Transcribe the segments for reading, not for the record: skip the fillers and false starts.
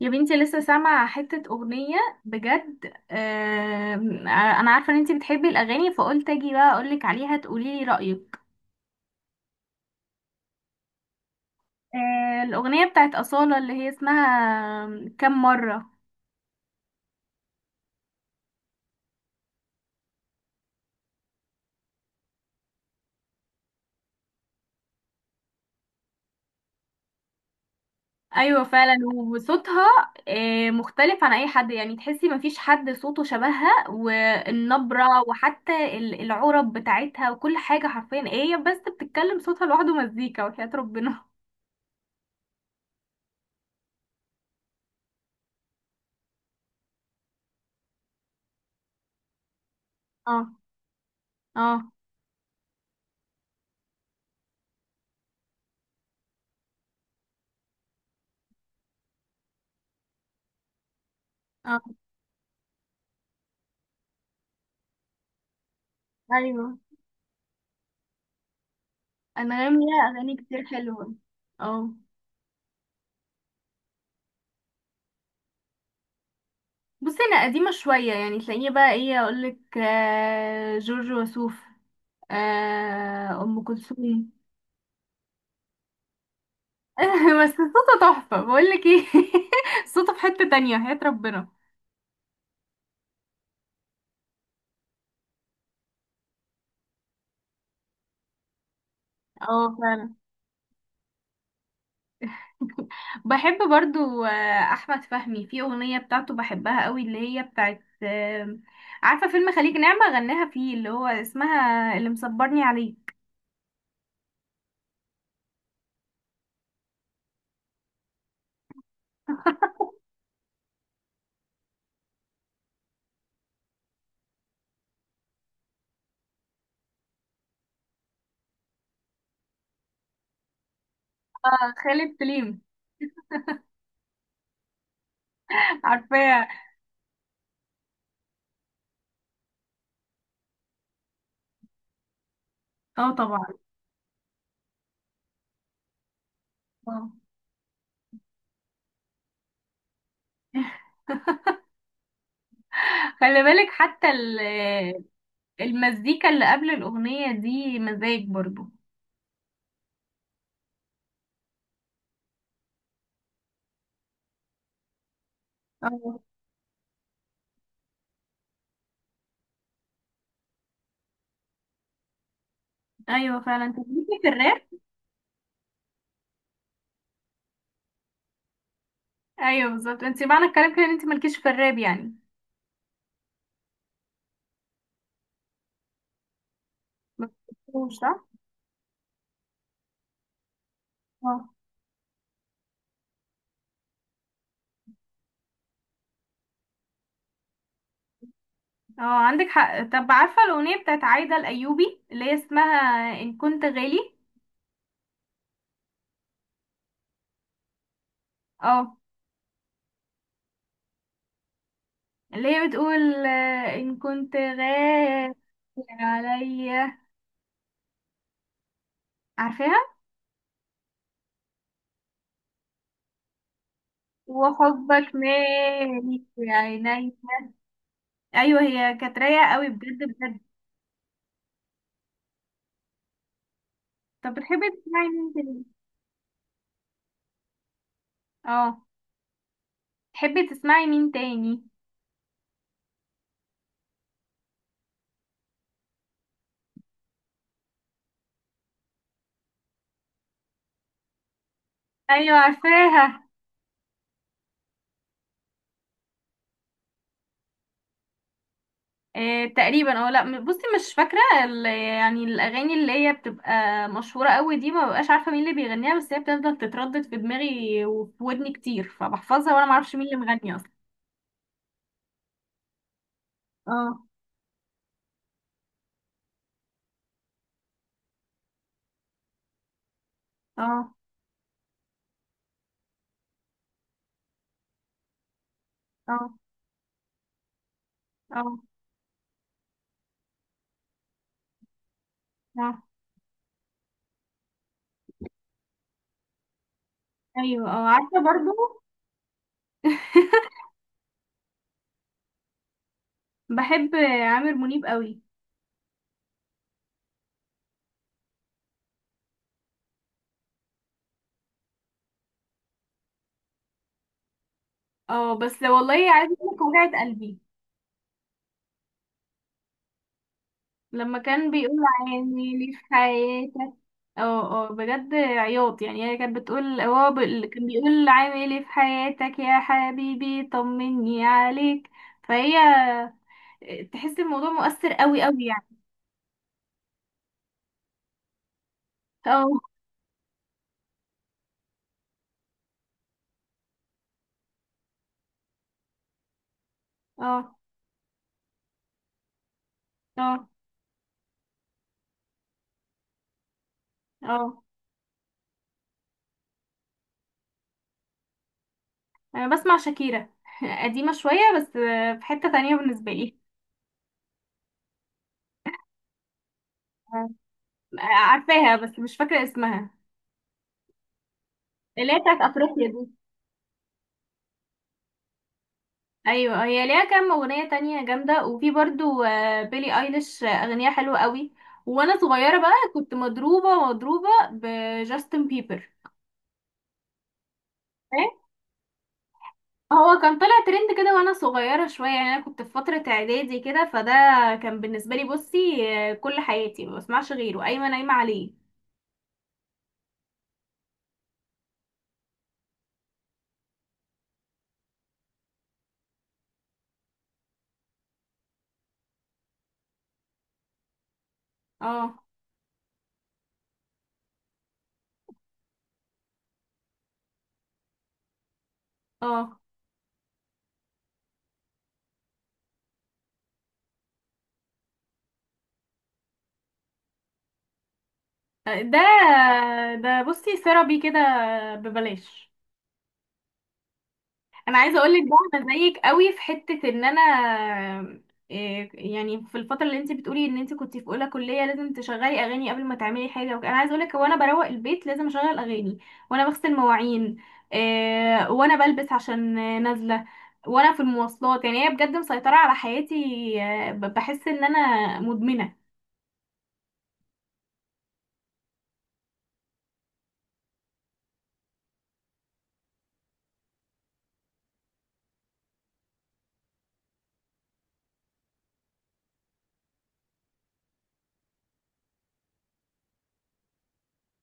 يا بنتي لسه سامعة حتة أغنية بجد. أنا عارفة إن أنتي بتحبي الأغاني، فقلت أجي بقى أقولك عليها تقوليلي رأيك. الأغنية بتاعت أصالة اللي هي اسمها كم مرة. أيوة فعلا، وصوتها مختلف عن أي حد، يعني تحسي مفيش حد صوته شبهها، والنبرة وحتى العرب بتاعتها وكل حاجة. حرفيا إيه هي؟ بس بتتكلم صوتها لوحده مزيكا وحياة ربنا. اه. اه. اه. ايوه، انغام ليها اغاني كتير حلوه. اه. بصي، انا قديمه شويه، يعني تلاقيني بقى ايه اقولك؟ جورج وسوف، ام كلثوم. بس صوته تحفه، بقولك ايه، صوته في حته تانية، حياة ربنا. اه فعلا. بحب برضو احمد فهمي، في اغنيه بتاعته بحبها قوي، اللي هي بتاعت عارفه فيلم خليج نعمه؟ غناها فيه، اللي هو اسمها اللي مصبرني عليه. خالد سليم. عارفاه. اه طبعا. اه، خلي بالك حتى المزيكا اللي قبل الأغنية دي مزاج برضو. اه. ايوه فعلا، انت ليكي في الراب؟ ايوه بالظبط، انت معنى الكلام كده ان انت مالكيش في الراب يعني. ما بتحبوش، صح؟ اه. اه عندك حق. طب عارفه الاغنيه بتاعت عايده الايوبي اللي هي اسمها ان كنت غالي؟ اه، اللي هي بتقول ان كنت غالي عليا. عارفاها، وحبك مالي في عيني. ايوه، هي كانت رايقه قوي بجد بجد. طب بتحبي تسمعي مين تاني؟ اه، تحبي تسمعي مين تاني؟ ايوه عارفاها. إيه تقريبا. اه لا، بصي، مش فاكره يعني الاغاني اللي هي بتبقى مشهوره قوي دي ما ببقاش عارفه مين اللي بيغنيها، بس هي بتفضل تتردد في دماغي وفي ودني كتير، فبحفظها وانا ما اعرفش مين اللي مغني اصلا. اه. اه. اه. اه. اه. ايوه. اه عارفه برضو. بحب عامر منيب قوي. اه، بس والله عايزه اقول لك وجعت قلبي لما كان بيقول عيني لي في حياتك. اه اه، بجد عياط، يعني هي كانت بتقول، هو اللي كان بيقول عامل ايه في حياتك يا حبيبي طمني عليك، فهي تحس الموضوع مؤثر قوي قوي يعني. اه. اه. اه. اه. انا بسمع شاكيرا. قديمة شوية بس، في حتة تانية بالنسبة لي. أه، عارفاها بس مش فاكرة اسمها، اللي هي بتاعت افريقيا دي. ايوه، هي ليها كام اغنيه تانية جامده، وفي برضو بيلي ايليش، اغنيه حلوه قوي. وانا صغيره بقى كنت مضروبه بجاستن بيبر. إيه؟ هو كان طلع ترند كده وانا صغيره شويه، يعني انا كنت في فتره اعدادي كده، فده كان بالنسبه لي، بصي، كل حياتي ما بسمعش غيره، قايمه نايمه عليه. اه. اه. ده ده بصي ثيرابي كده ببلاش. انا عايزه اقول لك بقى انا زيك قوي في حته ان انا يعني في الفتره اللي انت بتقولي ان انت كنت في اولى كليه لازم تشغلي اغاني قبل ما تعملي حاجه وكده، انا عايزه اقول لك وانا بروق البيت لازم اشغل اغاني، وانا بغسل مواعين، وانا بلبس عشان نازله، وانا في المواصلات. يعني هي بجد مسيطره على حياتي. بحس ان انا مدمنه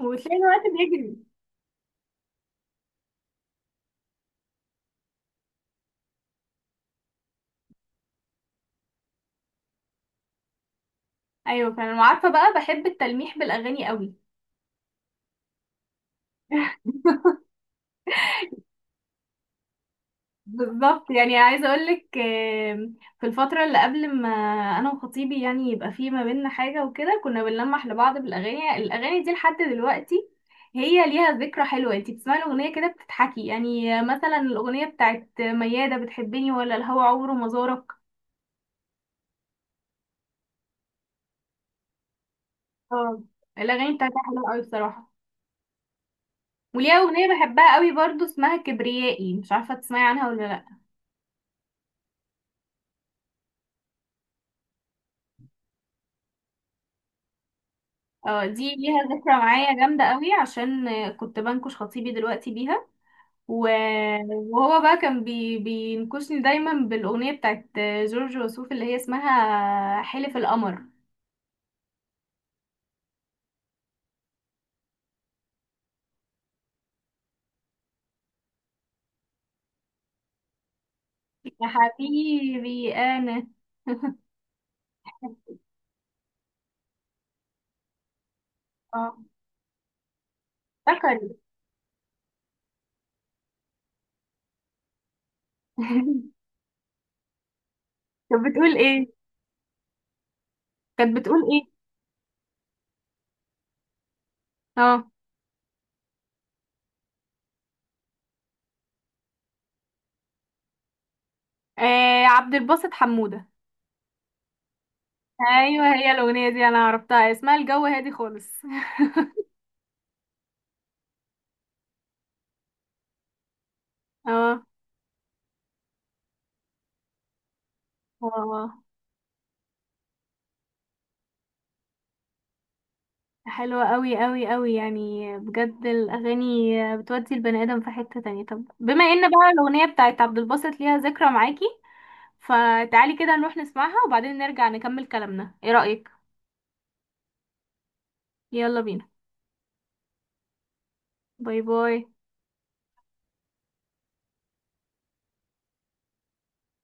وبتلاقي الوقت بيجري. ايوه، فانا عارفه بقى بحب التلميح بالاغاني قوي. بالظبط، يعني عايزه اقول لك، في الفتره اللي قبل ما انا وخطيبي يعني يبقى في ما بيننا حاجه وكده، كنا بنلمح لبعض بالاغاني. الاغاني دي لحد دلوقتي هي ليها ذكرى حلوه، انتي بتسمعي الاغنيه كده بتضحكي. يعني مثلا الاغنيه بتاعت مياده بتحبني ولا الهوى عمره ما زارك. اه، الاغاني بتاعتها حلوه قوي بصراحه. وليها اغنيه بحبها قوي برضو اسمها كبريائي، مش عارفه تسمعي عنها ولا لا. اه، دي ليها ذكرى معايا جامده قوي، عشان كنت بنكش خطيبي دلوقتي بيها، و- وهو بقى كان بينكشني دايما بالأغنية بتاعت جورج وسوف اللي هي اسمها حلف القمر، يا حبيبي أنا. اه افتكرت. كانت بتقول ايه؟ كانت بتقول ايه؟ اه، عبد الباسط حمودة. ايوه، هي الأغنية دي انا عرفتها اسمها الجو هادي خالص. اه. اه حلوة قوي قوي قوي يعني، بجد الأغاني بتودي البني آدم في حتة تانية. طب بما ان بقى الأغنية بتاعت عبد الباسط ليها ذكرى معاكي، فتعالي كده نروح نسمعها وبعدين نرجع نكمل كلامنا، ايه رأيك؟ يلا بينا. باي باي.